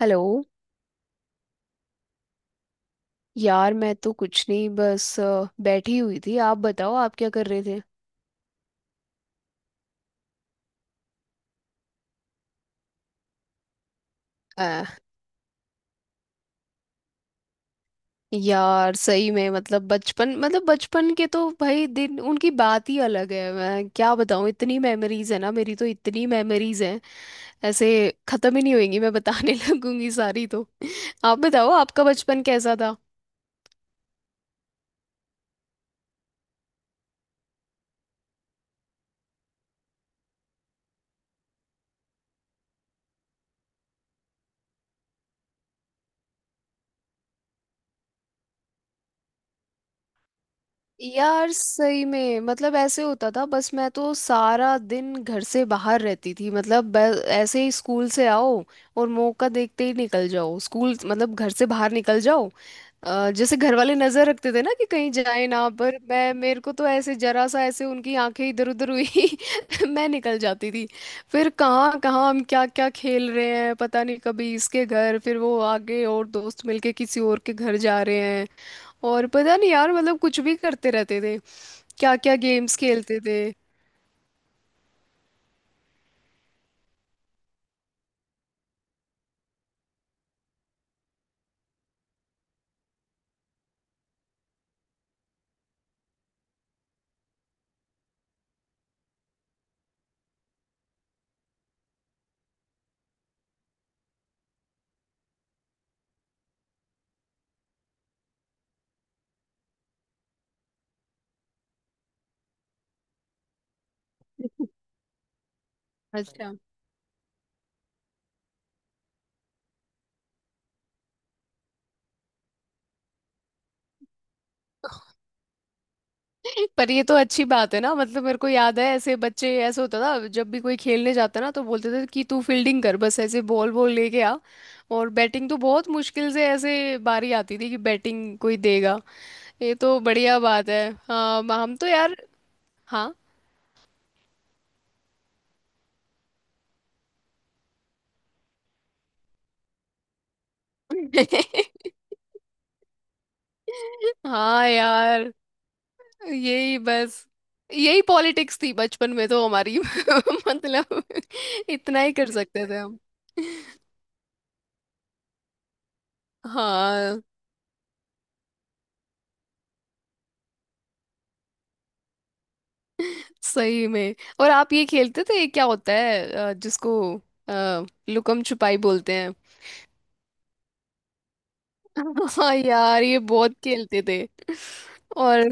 Hello. यार, मैं तो कुछ नहीं, बस बैठी हुई थी। आप बताओ, आप क्या कर रहे थे? अ, यार सही में, मतलब बचपन, मतलब बचपन के तो भाई दिन, उनकी बात ही अलग है। मैं क्या बताऊँ, इतनी मेमोरीज है ना, मेरी तो इतनी मेमोरीज हैं, ऐसे खत्म ही नहीं होएंगी। मैं बताने लगूंगी सारी तो। आप बताओ, आपका बचपन कैसा था? यार सही में, मतलब ऐसे होता था, बस मैं तो सारा दिन घर से बाहर रहती थी। मतलब ऐसे ही स्कूल से आओ और मौका देखते ही निकल जाओ, स्कूल मतलब घर से बाहर निकल जाओ। जैसे घर वाले नजर रखते थे ना कि कहीं जाए ना, पर मैं, मेरे को तो ऐसे जरा सा ऐसे उनकी आंखें इधर उधर हुई मैं निकल जाती थी। फिर कहाँ कहाँ हम, क्या क्या खेल रहे हैं पता नहीं, कभी इसके घर, फिर वो आगे और दोस्त मिलके किसी और के घर जा रहे हैं। और पता नहीं यार, मतलब कुछ भी करते रहते थे। क्या क्या गेम्स खेलते थे। अच्छा। पर ये तो अच्छी बात है ना। मतलब मेरे को याद है, ऐसे बच्चे, ऐसे होता था जब भी कोई खेलने जाता ना, तो बोलते थे कि तू फील्डिंग कर, बस ऐसे बॉल बॉल लेके आ। और बैटिंग तो बहुत मुश्किल से ऐसे बारी आती थी कि बैटिंग कोई देगा। ये तो बढ़िया बात है। हाँ, हम तो यार, हाँ। हाँ यार, यही बस, यही पॉलिटिक्स थी बचपन में तो हमारी। मतलब इतना ही कर सकते थे हम। हाँ, सही में। और आप ये खेलते थे, ये क्या होता है, जिसको लुकम छुपाई बोलते हैं? हाँ यार, ये बहुत खेलते थे। और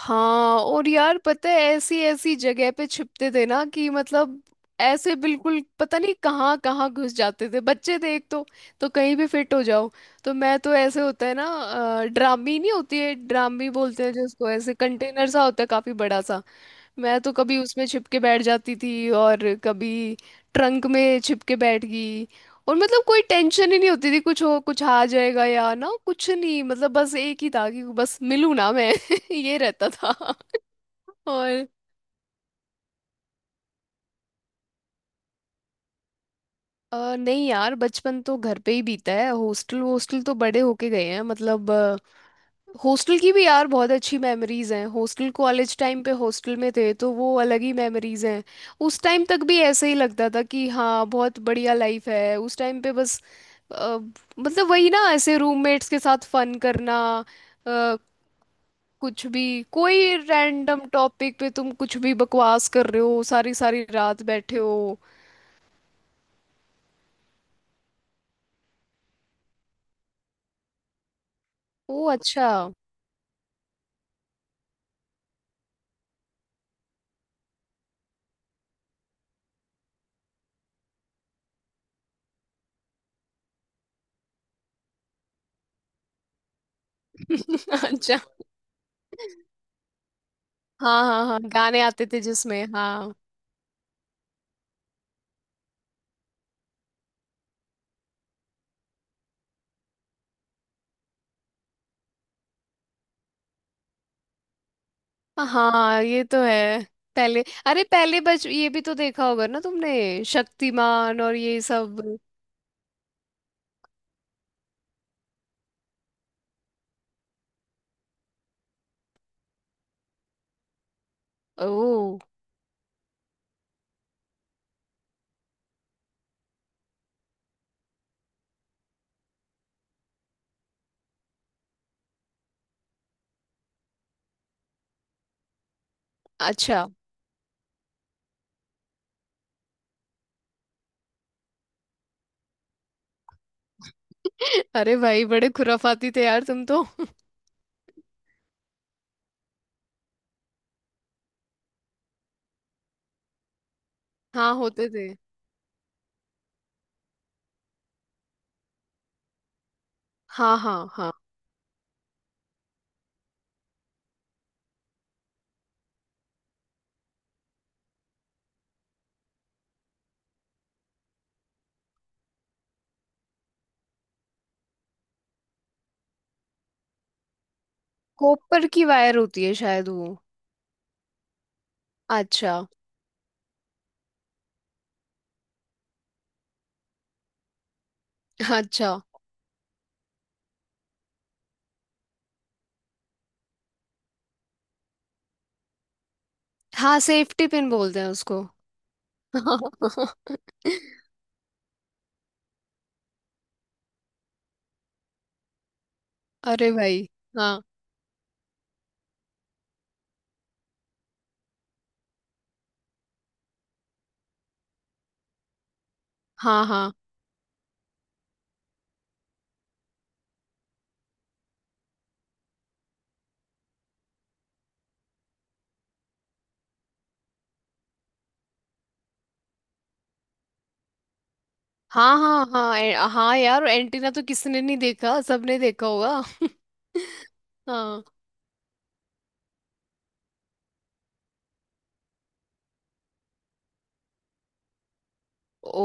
हाँ, और यार पता है ऐसी ऐसी जगह पे छिपते थे ना कि मतलब ऐसे बिल्कुल पता नहीं कहाँ कहाँ घुस जाते थे। बच्चे थे एक तो कहीं भी फिट हो जाओ। तो मैं तो, ऐसे होता है ना ड्रामी, नहीं होती है ड्रामी बोलते हैं जिसको, ऐसे कंटेनर सा होता है काफी बड़ा सा। मैं तो कभी उसमें छिप के बैठ जाती थी, और कभी ट्रंक में छिप के बैठ गई। और मतलब कोई टेंशन ही नहीं होती थी, कुछ हो, कुछ आ जाएगा या ना, कुछ नहीं, मतलब बस एक ही था कि बस मिलूँ ना मैं। ये रहता था। और नहीं यार, बचपन तो घर पे ही बीता है। हॉस्टल, हॉस्टल तो बड़े होके गए हैं, मतलब हॉस्टल की भी यार बहुत अच्छी मेमोरीज हैं। हॉस्टल, कॉलेज टाइम पे हॉस्टल में थे तो वो अलग ही मेमोरीज हैं। उस टाइम तक भी ऐसे ही लगता था कि हाँ बहुत बढ़िया लाइफ है उस टाइम पे। बस अ, मतलब वही ना, ऐसे रूममेट्स के साथ फन करना। अ, कुछ भी, कोई रैंडम टॉपिक पे तुम कुछ भी बकवास कर रहे हो, सारी सारी रात बैठे हो। ओ, अच्छा। अच्छा। हाँ हाँ हाँ, गाने आते थे जिसमें, हाँ। हाँ, ये तो है। पहले, अरे पहले बच, ये भी तो देखा होगा ना तुमने, शक्तिमान और ये सब। ओ, अच्छा। अरे भाई, बड़े खुराफाती थे यार तुम तो। हाँ, होते थे। हाँ हाँ हाँ, कॉपर की वायर होती है शायद वो। अच्छा। अच्छा। हाँ, सेफ्टी पिन बोलते हैं उसको। अरे भाई। हाँ हाँ हाँ। हाँ हाँ हाँ। हाँ यार, एंटीना तो किसने नहीं देखा, सबने देखा होगा। हाँ। ओ,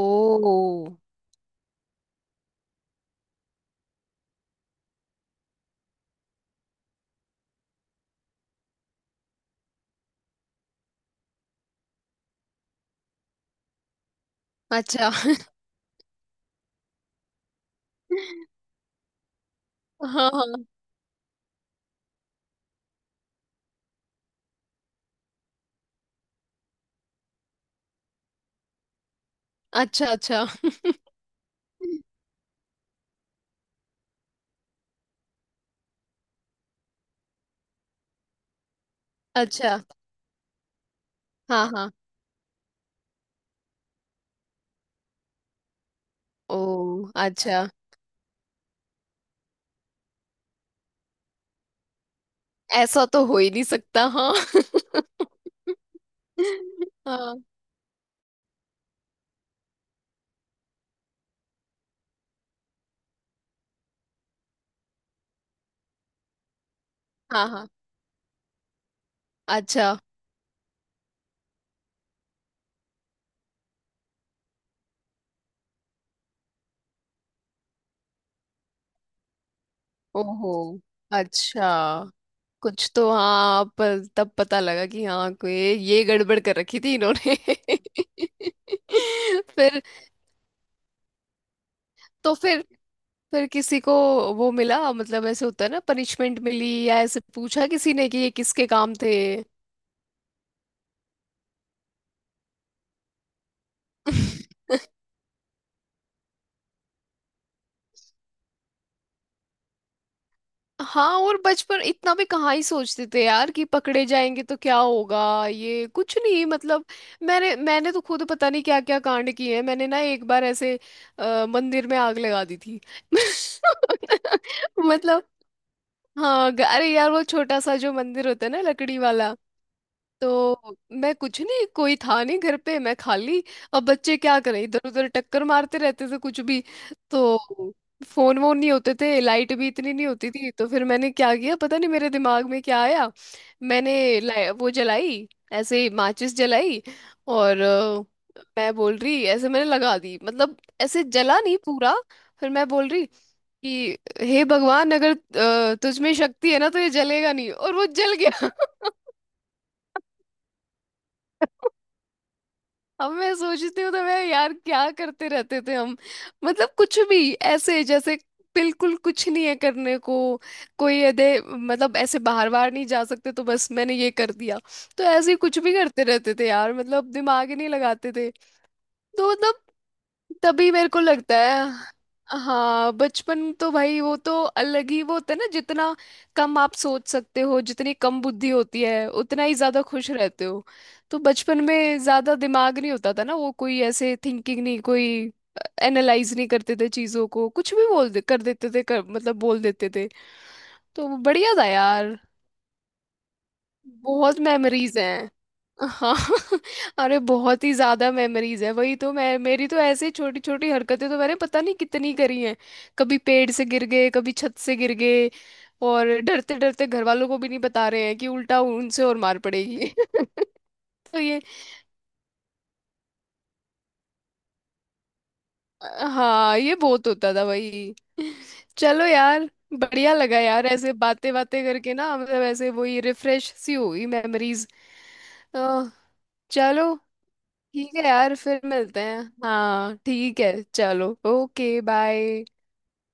अच्छा। हाँ हाँ। अच्छा, अच्छा। अच्छा। हाँ हाँ। ओ, अच्छा। ऐसा तो हो ही नहीं सकता, हाँ। हाँ हाँ हाँ। अच्छा। ओहो, अच्छा। कुछ तो, हाँ, पर तब पता लगा कि हाँ कोई ये गड़बड़ कर रखी थी इन्होंने। फिर तो, फिर किसी को वो मिला, मतलब ऐसे होता है ना पनिशमेंट मिली, या ऐसे पूछा किसी ने कि ये किसके काम थे? हाँ, और बचपन इतना भी कहाँ ही सोचते थे यार कि पकड़े जाएंगे तो क्या होगा। ये कुछ नहीं, मतलब मैंने मैंने तो खुद पता नहीं क्या क्या कांड किए हैं। मैंने ना एक बार ऐसे मंदिर में आग लगा दी थी। मतलब हाँ, अरे यार, वो छोटा सा जो मंदिर होता है ना लकड़ी वाला। तो मैं कुछ नहीं, कोई था नहीं घर पे, मैं खाली। अब बच्चे क्या करें, इधर उधर टक्कर मारते रहते थे कुछ भी। तो फोन वोन नहीं होते थे, लाइट भी इतनी नहीं होती थी। तो फिर मैंने क्या किया, पता नहीं मेरे दिमाग में क्या आया, मैंने वो जलाई, ऐसे माचिस जलाई। और मैं बोल रही, ऐसे मैंने लगा दी, मतलब ऐसे जला नहीं पूरा। फिर मैं बोल रही कि हे भगवान, अगर तुझ में शक्ति है ना तो ये जलेगा नहीं, और वो जल गया। अब मैं सोचती हूँ तो मैं, यार क्या करते रहते थे हम। मतलब कुछ भी, ऐसे जैसे बिल्कुल कुछ नहीं है करने को, कोई अदे, मतलब ऐसे बाहर बाहर नहीं जा सकते तो बस मैंने ये कर दिया। तो ऐसे ही कुछ भी करते रहते थे यार, मतलब दिमाग ही नहीं लगाते थे। तो मतलब, तभी मेरे को लगता है, हाँ बचपन तो भाई वो तो अलग ही वो होता है ना, जितना कम आप सोच सकते हो, जितनी कम बुद्धि होती है उतना ही ज्यादा खुश रहते हो। तो बचपन में ज्यादा दिमाग नहीं होता था ना, वो कोई ऐसे थिंकिंग नहीं, कोई एनालाइज नहीं करते थे चीजों को, कुछ भी बोल दे, कर देते थे, मतलब बोल देते थे। तो बढ़िया था यार, बहुत मेमोरीज हैं। हाँ। अरे बहुत ही ज्यादा मेमोरीज है, वही तो मैं, मेरी तो ऐसे छोटी छोटी हरकतें तो मैंने पता नहीं कितनी करी हैं। कभी पेड़ से गिर गए, कभी छत से गिर गए, और डरते डरते घर वालों को भी नहीं बता रहे हैं कि उल्टा उनसे और मार पड़ेगी। तो ये, हाँ ये बहुत होता था भाई। चलो यार, बढ़िया लगा यार ऐसे बातें बातें करके ना, मतलब ऐसे वही रिफ्रेश सी हुई मेमोरीज। चलो, ठीक है यार, फिर मिलते हैं, हाँ ठीक है, चलो, ओके, बाय।